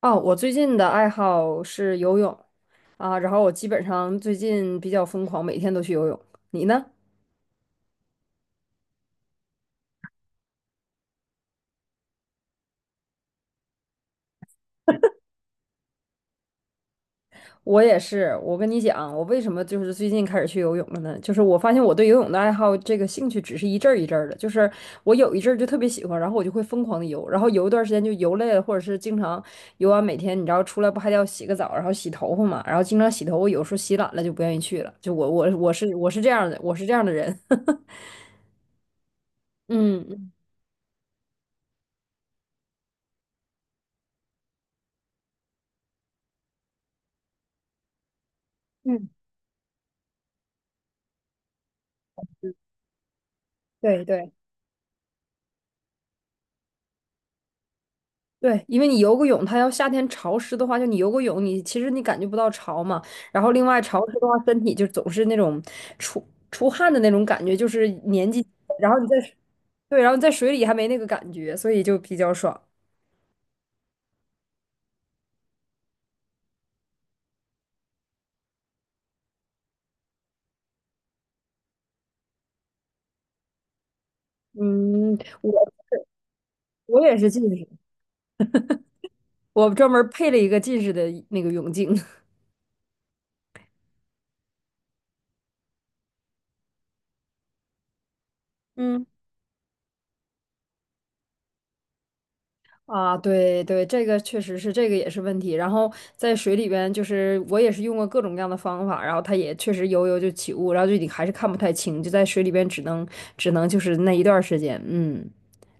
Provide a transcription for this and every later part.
哦，我最近的爱好是游泳啊，然后我基本上最近比较疯狂，每天都去游泳。你呢？我也是。我跟你讲，我为什么最近开始去游泳了呢？就是我发现我对游泳的爱好，这个兴趣只是一阵儿一阵儿的。我有一阵儿就特别喜欢，然后我就会疯狂的游，然后游一段时间就游累了，或者是经常游完每天，你知道出来不还得要洗个澡，然后洗头发嘛，然后经常洗头，我有时候洗懒了就不愿意去了。就我我我是我是这样的，我是这样的人。嗯嗯，嗯对对。对，因为你游个泳，它要夏天潮湿的话，就你游个泳，你其实你感觉不到潮嘛。然后另外潮湿的话，身体就总是那种出出汗的那种感觉，就是年纪，然后你在对，然后你在水里还没那个感觉，所以就比较爽。嗯，我也是近视，我专门配了一个近视的那个泳镜。嗯。啊，对对，这个确实是，这个也是问题。然后在水里边，我也是用过各种各样的方法，然后它也确实游游就起雾，然后就你还是看不太清，就在水里边只能就是那一段儿时间，嗯，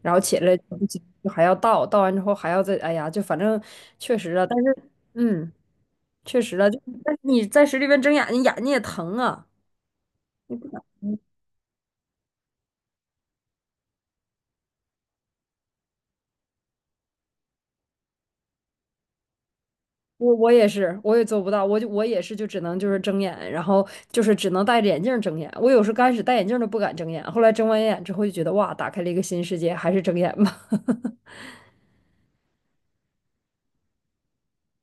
然后起来就不行就还要倒，倒完之后还要再，哎呀，就反正确实啊，但是嗯，确实啊，就但是你在水里边睁眼睛，眼睛也疼啊。我也是，我也做不到，我就我也是，就只能睁眼，然后只能戴着眼镜儿睁眼。我有时候刚开始戴眼镜儿都不敢睁眼，后来睁完眼之后就觉得哇，打开了一个新世界，还是睁眼吧。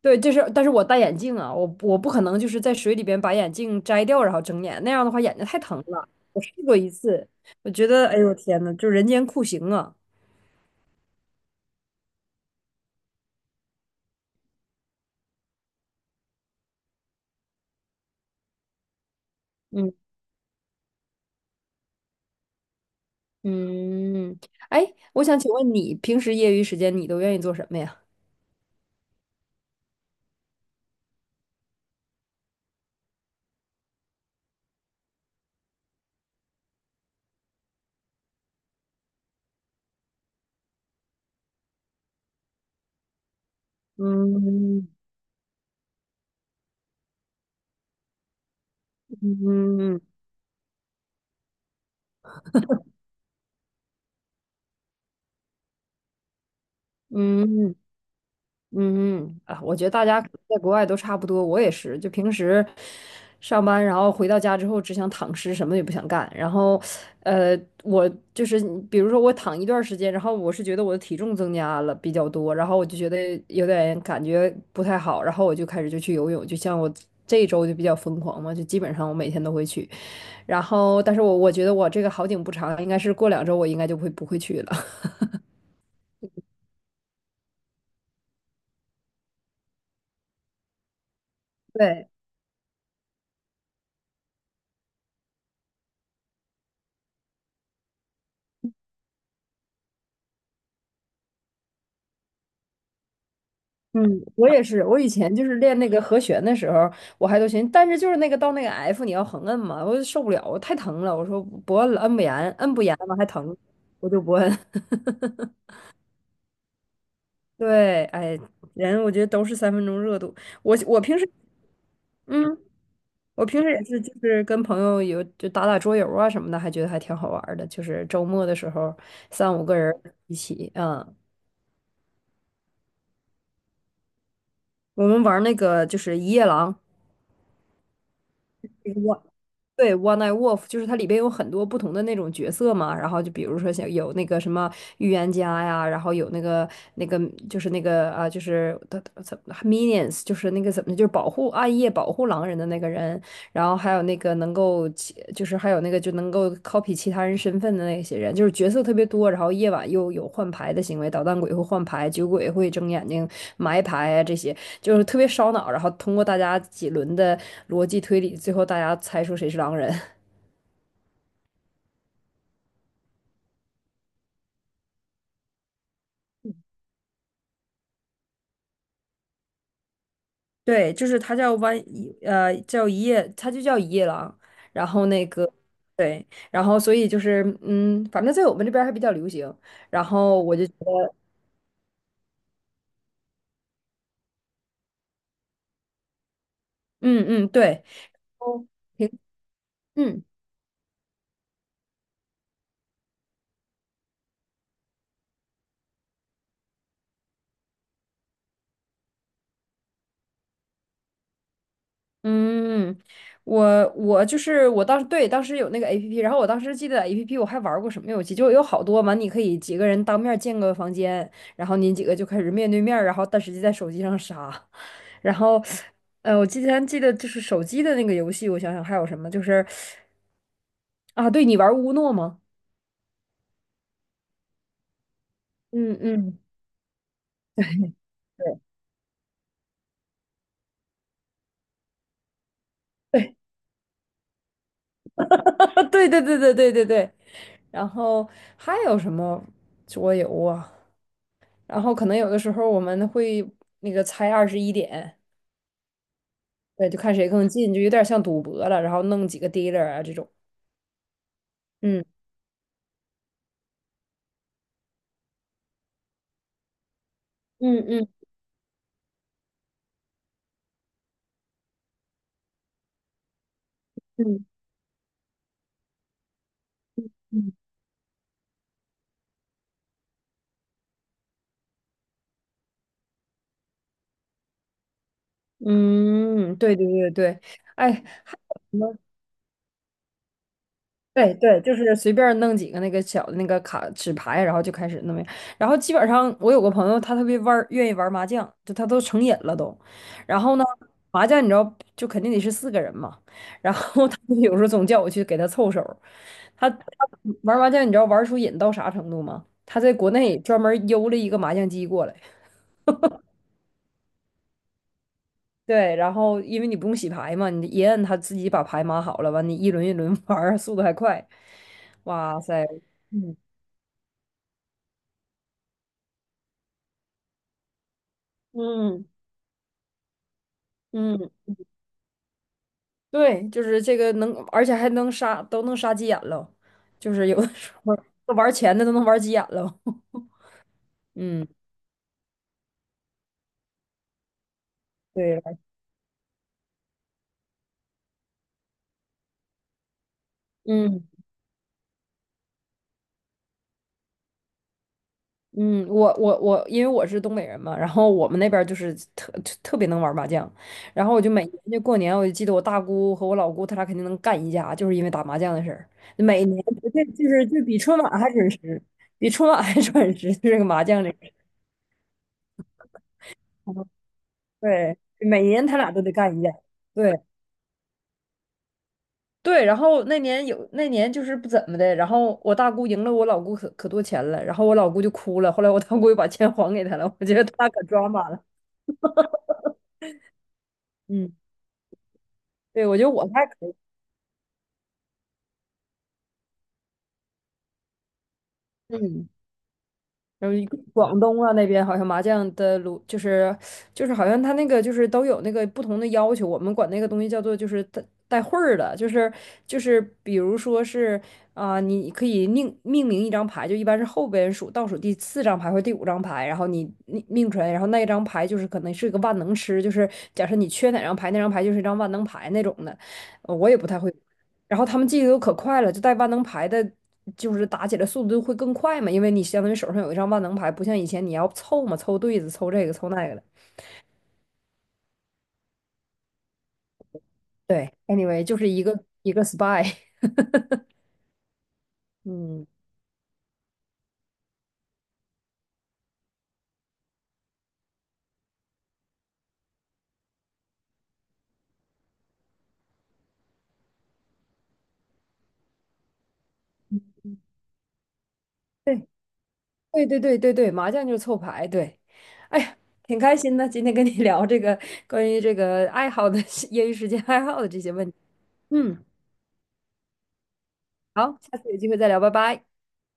对，就是，但是我戴眼镜啊，我不可能就是在水里边把眼镜摘掉然后睁眼，那样的话眼睛太疼了。我试过一次，我觉得哎呦天呐，就人间酷刑啊！嗯嗯，哎，我想请问你平时业余时间你都愿意做什么呀？嗯嗯嗯。嗯嗯啊，我觉得大家可能在国外都差不多，我也是，就平时上班，然后回到家之后只想躺尸，什么也不想干。然后，呃，我就是比如说我躺一段时间，然后我是觉得我的体重增加了比较多，然后我就觉得有点感觉不太好，然后我就开始就去游泳，就像我。这一周就比较疯狂嘛，就基本上我每天都会去，然后，但是我觉得我这个好景不长，应该是过两周我应该就会不会去了。对，嗯，我也是。我以前就是练那个和弦的时候，我还都行，但是就是那个到那个 F，你要横摁嘛，我就受不了，我太疼了。我说不摁了，摁不严，摁不严嘛还疼，我就不摁。对，哎，人我觉得都是三分钟热度。我我平时，嗯，我平时也是，就是跟朋友有就打打桌游啊什么的，还觉得还挺好玩儿的。就是周末的时候，三五个人一起，嗯，我们玩儿那个就是一夜狼。对，One Night Wolf 就是它里边有很多不同的那种角色嘛，然后就比如说像有那个什么预言家呀，然后有那个就是那个啊，就是的怎么 Minions，就是那个怎么就是保护暗夜保护狼人的那个人，然后还有那个能够其，就是还有那个就能够 copy 其他人身份的那些人，就是角色特别多，然后夜晚又有换牌的行为，捣蛋鬼会换牌，酒鬼会睁眼睛埋牌啊，这些就是特别烧脑。然后通过大家几轮的逻辑推理，最后大家猜出谁是狼人。对，就是他叫弯，呃，叫一夜，他就叫一夜狼。然后那个，对，然后所以就是，嗯，反正在我们这边儿还比较流行。然后我就觉得，嗯嗯，对，哦挺嗯。嗯，我我就是我当时对当时有那个 APP，然后我当时记得 APP 我还玩过什么游戏，就有好多嘛，你可以几个人当面建个房间，然后你几个就开始面对面儿然后但实际在手机上杀，然后呃，我之前记得就是手机的那个游戏，我想想还有什么，就是啊，对你玩乌诺吗？嗯嗯。对对 对对对对对对对，然后还有什么桌游啊？然后可能有的时候我们会那个猜二十一点，对，就看谁更近，就有点像赌博了，然后弄几个 dealer 啊这种。嗯嗯嗯嗯嗯，嗯，对对对对，哎，什么对对，就是随便弄几个那个小的那个卡纸牌，然后就开始弄。然后基本上我有个朋友，他特别玩儿，愿意玩麻将，就他都成瘾了都。然后呢，麻将你知道就肯定得是四个人嘛，然后他就有时候总叫我去给他凑手儿他玩麻将，你知道玩出瘾到啥程度吗？他在国内专门邮了一个麻将机过来。对，然后因为你不用洗牌嘛，你一摁它自己把牌码好了，完你一轮一轮 玩儿，速度还快。哇塞，嗯嗯嗯，对，就是这个能，而且还能杀，都能杀急眼了，就是有的时候 玩钱的都能玩急眼了。嗯，对，嗯。嗯，我，因为我是东北人嘛，然后我们那边儿就是特别能玩麻将，然后我就每年就过年，我就记得我大姑和我老姑，他俩肯定能干一架，就是因为打麻将的事儿。每年这就是就比春晚还准时，比春晚还准时，就这个麻将这个事儿。对，每年他俩都得干一架。对对，然后那年就是不怎么的，然后我大姑赢了我老姑可多钱了，然后我老姑就哭了，后来我大姑又把钱还给她了，我觉得他俩可抓马了。嗯。对，我觉得我还可以。嗯，然后一个广东啊那边好像麻将的炉就是好像他那个就是都有那个不同的要求，我们管那个东西叫做就是带会儿的，就是就是比如说是啊、你可以命名一张牌，就一般是后边数倒数第四张牌或第五张牌，然后你命出来，然后那一张牌就是可能是个万能吃，就是假设你缺哪张牌，那张牌就是一张万能牌那种的，呃我也不太会。然后他们记得都可快了，就带万能牌的，就是打起来速度会更快嘛，因为你相当于手上有一张万能牌，不像以前你要凑嘛，凑对子，凑这个，凑那个的。对，anyway，就是一个一个 spy，嗯，对对对对对对，麻将就是凑牌，对。哎呀，挺开心的，今天跟你聊这个关于这个爱好的 业余时间爱好的这些问题。嗯，好，下次有机会再聊，拜拜。